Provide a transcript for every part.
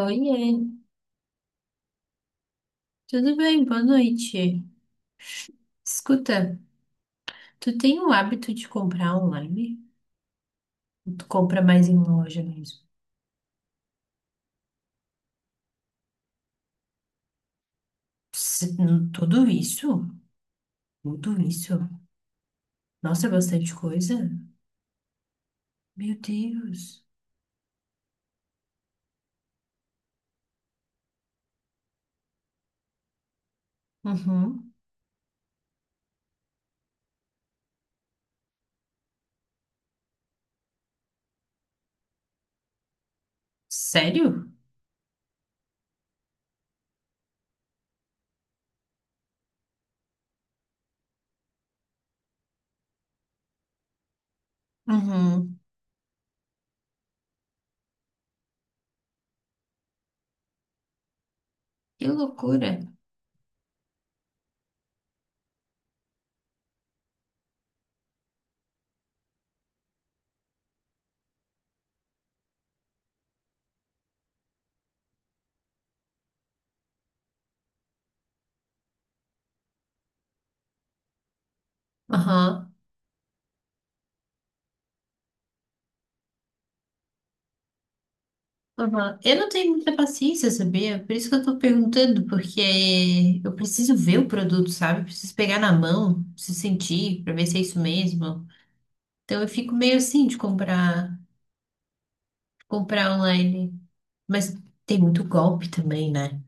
Oiê, tudo bem? Boa noite. Escuta, tu tem o hábito de comprar online? Ou tu compra mais em loja mesmo? Tudo isso? Tudo isso? Nossa, é bastante coisa? Meu Deus. Uhum. Sério? Uhum. Que loucura. Aham. Aham. Eu não tenho muita paciência, sabia? Por isso que eu tô perguntando, porque eu preciso ver o produto, sabe? Preciso pegar na mão, preciso sentir, pra ver se é isso mesmo. Então eu fico meio assim de comprar online. Mas tem muito golpe também, né?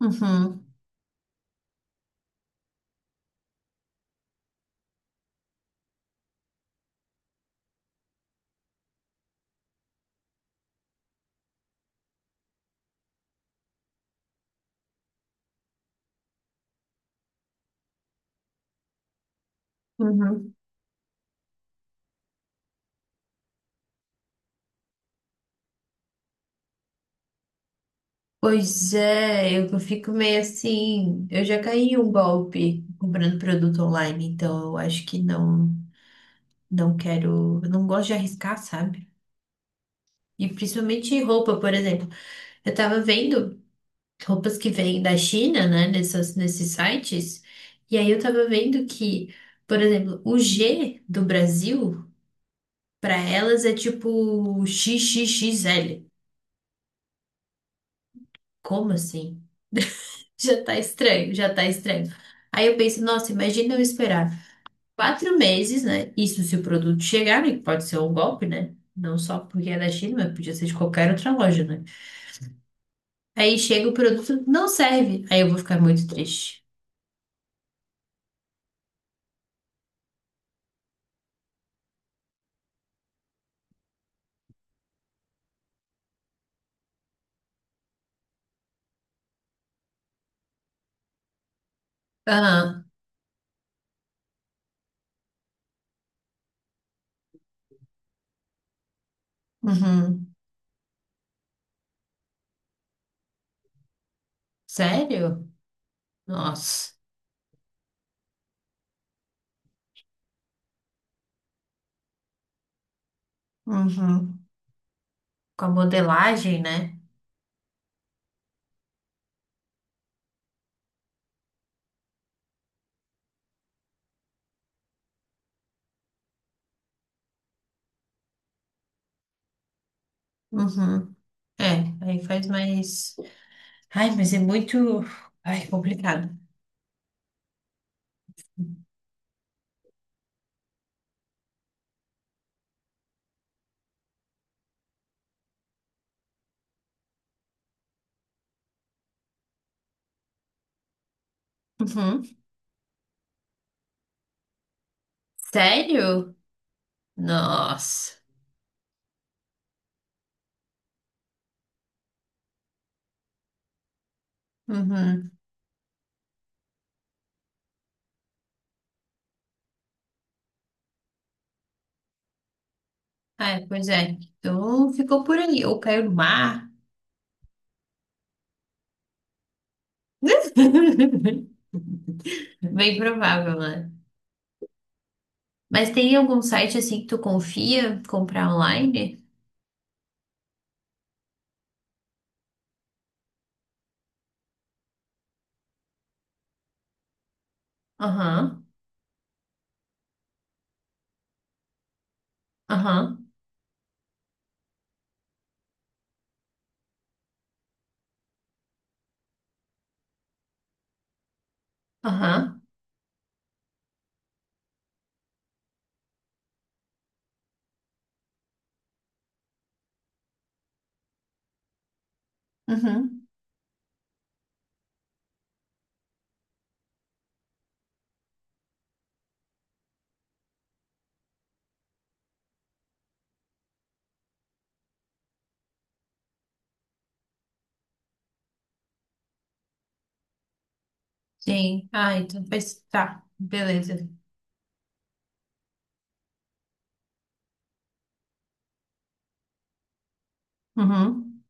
Uhum, uhum. Pois é, eu fico meio assim. Eu já caí em um golpe comprando produto online, então eu acho que não, não quero, eu não gosto de arriscar, sabe? E principalmente roupa, por exemplo. Eu tava vendo roupas que vêm da China, né, nesses sites, e aí eu tava vendo que, por exemplo, o G do Brasil. Pra elas é tipo XXXL. Como assim? Já tá estranho, já tá estranho. Aí eu penso, nossa, imagina eu esperar 4 meses, né? Isso se o produto chegar, né? Que pode ser um golpe, né? Não só porque é da China, mas podia ser de qualquer outra loja, né? Aí chega o produto, não serve. Aí eu vou ficar muito triste. Aham. Uhum. Sério? Nossa. Uhum. Com a modelagem, né? Uhum. É, aí faz mais. Ai, mas é muito. Ai, complicado. Uhum. Sério? Nossa. Uhum. Ai, pois é. Então ficou por aí. Ou caiu no mar. Bem provável, né? Mas tem algum site assim que tu confia comprar online? Aham. Aham. Aham. Uhum. Sim. Ah, então faz. Tá. Beleza. Uhum.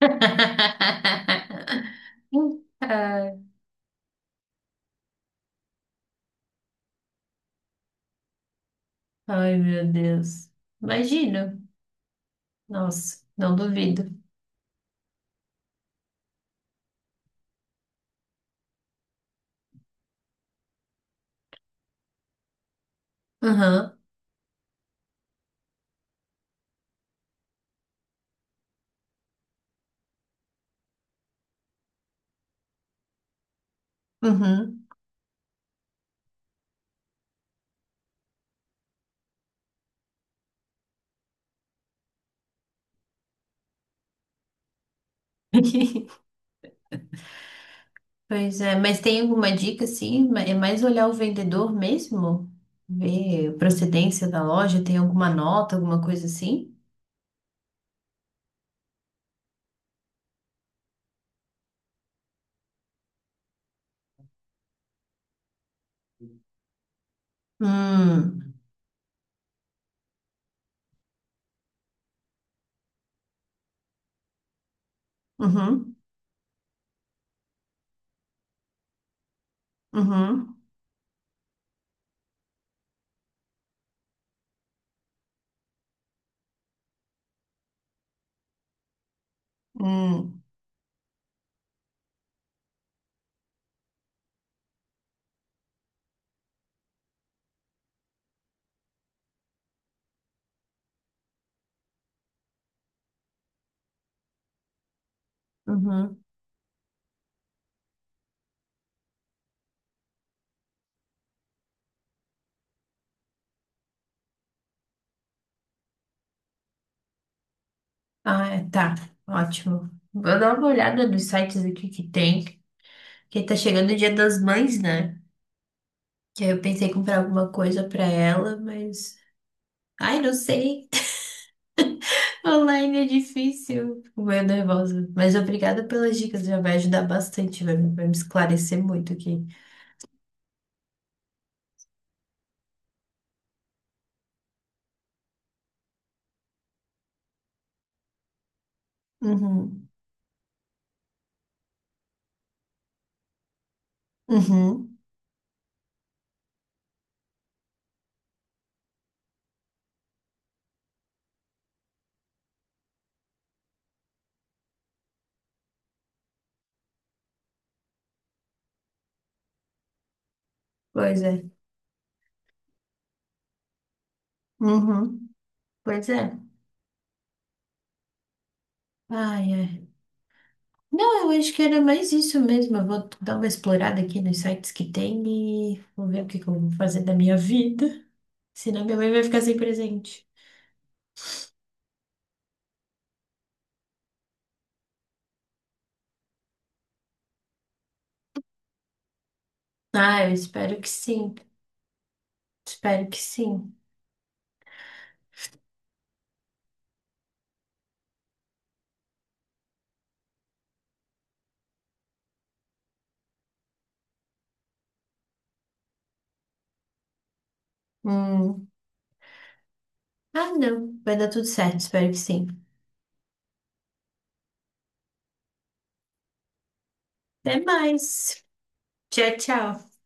Ai, ai, meu Deus. Imagino. Nossa, não duvido. Aham, uhum. Pois é, mas tem alguma dica assim? É mais olhar o vendedor mesmo? Ver a procedência da loja, tem alguma nota, alguma coisa assim? Hum, uhum, uhum, hum, uhum. Ah, é, tá, ótimo. Vou dar uma olhada nos sites aqui que tem, porque tá chegando o Dia das Mães, né? Que aí eu pensei em comprar alguma coisa pra ela, mas. Ai, não sei. Online é difícil, fico meio nervosa. Mas obrigada pelas dicas, já vai ajudar bastante, vai me esclarecer muito aqui. Uhum, uhum, pois é, uhum, pois é. Ai, ai. Não, eu acho que era mais isso mesmo. Eu vou dar uma explorada aqui nos sites que tem e vou ver o que que eu vou fazer da minha vida. Senão minha mãe vai ficar sem presente. Ah, eu espero que sim. Espero que sim. Hum. Ah, não. Vai dar tudo certo, espero que sim. Até mais. Tchau, tchau.